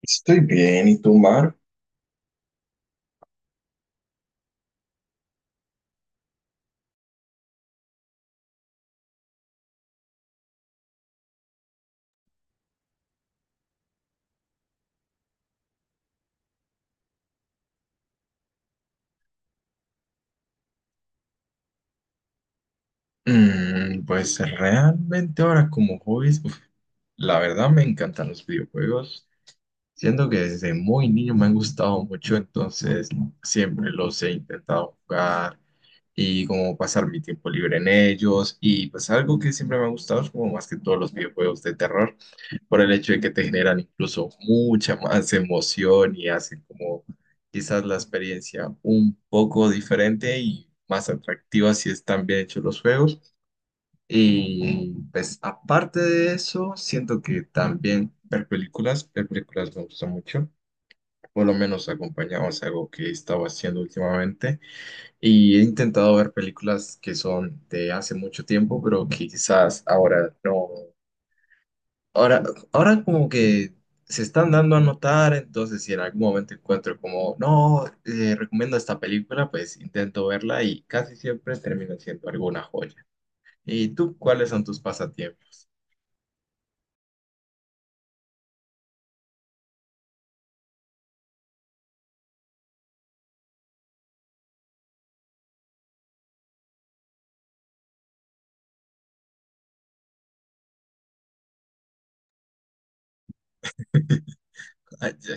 Estoy bien, ¿y tú, Mar? Pues realmente ahora como hobbies, uf, la verdad me encantan los videojuegos. Siento que desde muy niño me han gustado mucho, entonces siempre los he intentado jugar y como pasar mi tiempo libre en ellos. Y pues algo que siempre me ha gustado es como más que todos los videojuegos de terror, por el hecho de que te generan incluso mucha más emoción y hacen como quizás la experiencia un poco diferente y más atractiva si están bien hechos los juegos. Y pues aparte de eso, siento que también ver películas me gusta mucho. Por lo menos acompañados a algo que he estado haciendo últimamente. Y he intentado ver películas que son de hace mucho tiempo, pero que quizás ahora no, Ahora, ahora como que se están dando a notar, entonces si en algún momento encuentro como, no, recomiendo esta película, pues intento verla y casi siempre termina siendo alguna joya. ¿Y tú cuáles son tus pasatiempos? Ay, ya.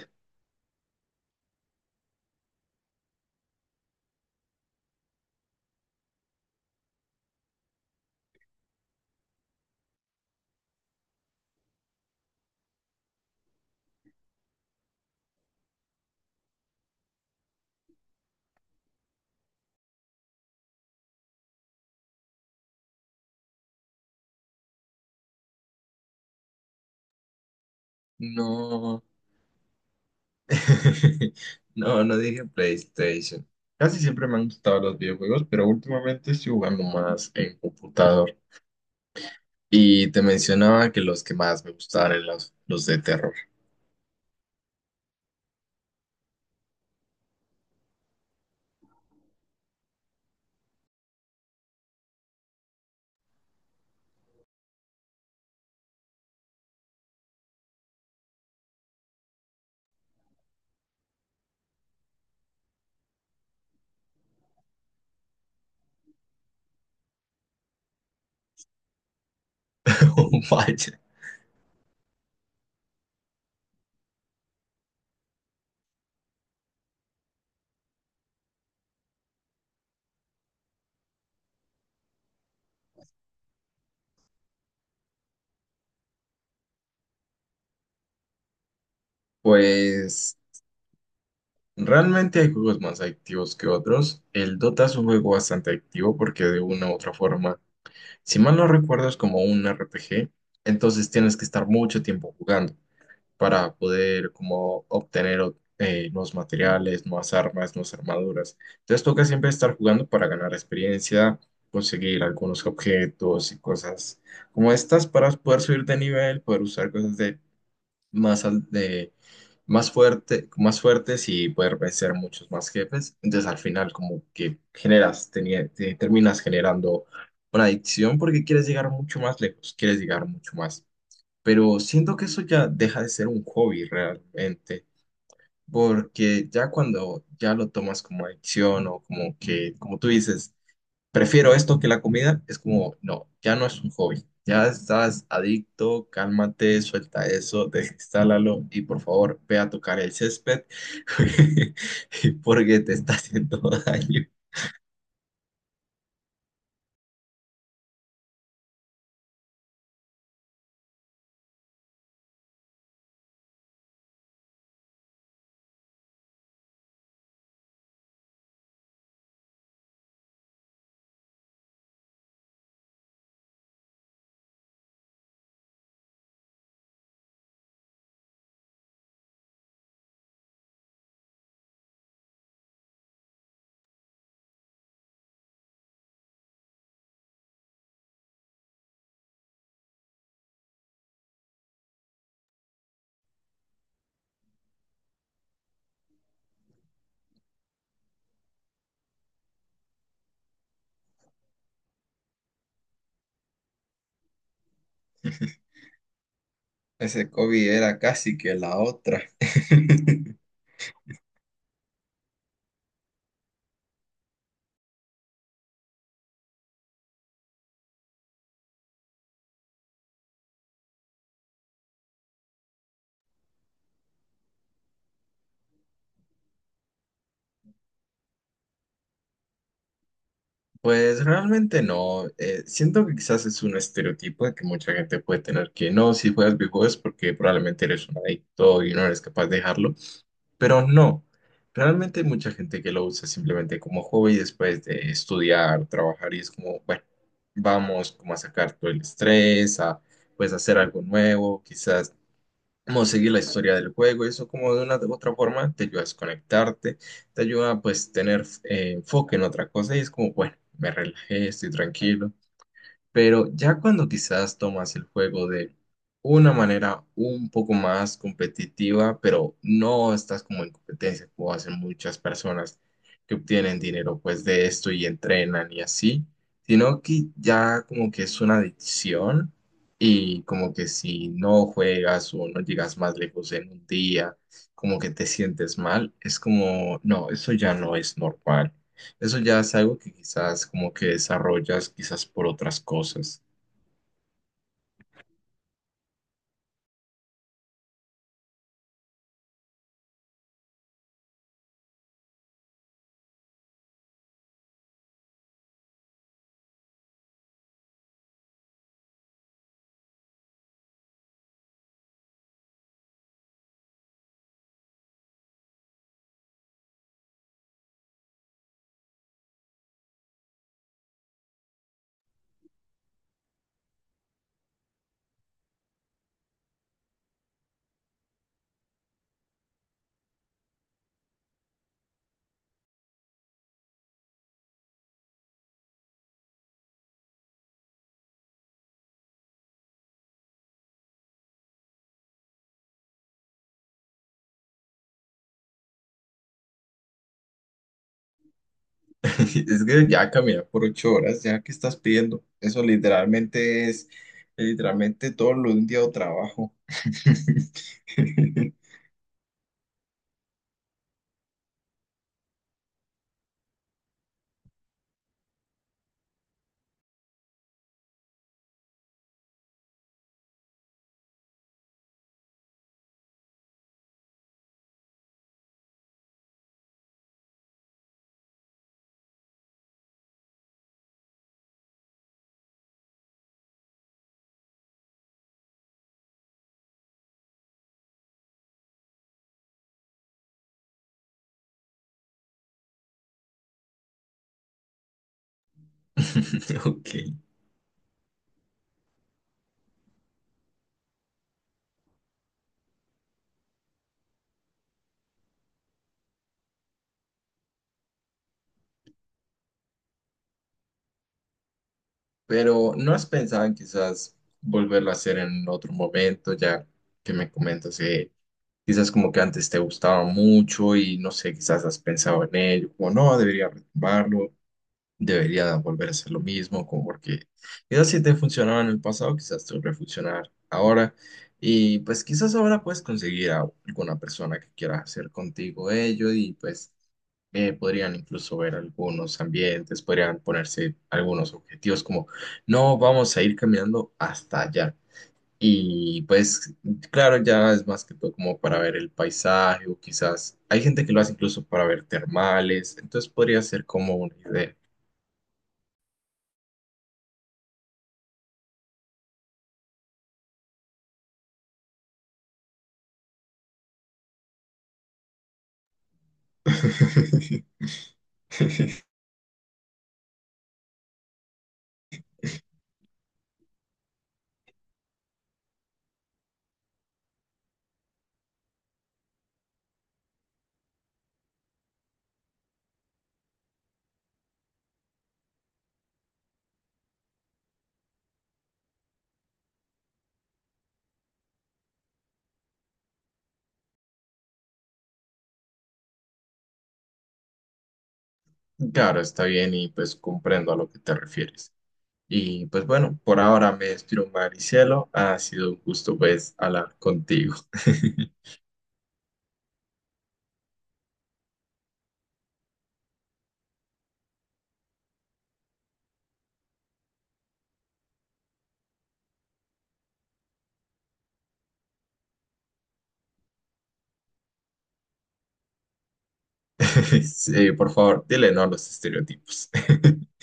No, no, no dije PlayStation. Casi siempre me han gustado los videojuegos, pero últimamente estoy jugando más en computador. Y te mencionaba que los que más me gustaban eran los de terror. Vaya. Pues realmente hay juegos más adictivos que otros. El Dota es un juego bastante adictivo porque de una u otra forma, si mal no recuerdo, es como un RPG, entonces tienes que estar mucho tiempo jugando para poder como obtener nuevos materiales, nuevas armas, nuevas armaduras. Entonces toca siempre estar jugando para ganar experiencia, conseguir algunos objetos y cosas como estas para poder subir de nivel, poder usar cosas de más, al- de, más, más fuertes y poder vencer muchos más jefes. Entonces al final como que terminas generando una adicción porque quieres llegar mucho más lejos, quieres llegar mucho más. Pero siento que eso ya deja de ser un hobby realmente, porque ya cuando ya lo tomas como adicción o como que, como tú dices, prefiero esto que la comida, es como, no, ya no es un hobby, ya estás adicto, cálmate, suelta eso, desinstálalo y por favor ve a tocar el césped porque te está haciendo daño. Ese hobby era casi que la otra. Pues realmente no. Siento que quizás es un estereotipo de que mucha gente puede tener que no, si juegas videojuegos es porque probablemente eres un adicto y no eres capaz de dejarlo. Pero no, realmente hay mucha gente que lo usa simplemente como hobby después de estudiar, trabajar y es como, bueno, vamos como a sacar todo el estrés, a pues hacer algo nuevo, quizás como seguir la historia del juego, eso como de una u otra forma te ayuda a desconectarte, te ayuda a pues tener enfoque en otra cosa y es como, bueno, me relajé, estoy tranquilo. Pero ya cuando quizás tomas el juego de una manera un poco más competitiva, pero no estás como en competencia, como hacen muchas personas que obtienen dinero pues de esto y entrenan y así, sino que ya como que es una adicción y como que si no juegas o no llegas más lejos en un día, como que te sientes mal, es como, no, eso ya no es normal. Eso ya es algo que quizás como que desarrollas quizás por otras cosas. Es que ya caminar por 8 horas, ya que estás pidiendo. Eso literalmente es, literalmente todo lo de un día de trabajo. Ok. Pero ¿no has pensado en quizás volverlo a hacer en otro momento, ya que me comentas que quizás como que antes te gustaba mucho y no sé, quizás has pensado en ello, como no, debería retomarlo, debería volver a ser lo mismo, como porque quizás si te funcionaba en el pasado, quizás te va a funcionar ahora. Y pues quizás ahora puedes conseguir a alguna persona que quiera hacer contigo ello y pues podrían incluso ver algunos ambientes, podrían ponerse algunos objetivos como no vamos a ir caminando hasta allá. Y pues claro, ya es más que todo como para ver el paisaje o quizás hay gente que lo hace incluso para ver termales, entonces podría ser como una idea. Claro, está bien y pues comprendo a lo que te refieres. Y pues bueno, por ahora me despido, Maricielo. Ha sido un gusto pues hablar contigo. Sí, por favor, dile no a los estereotipos.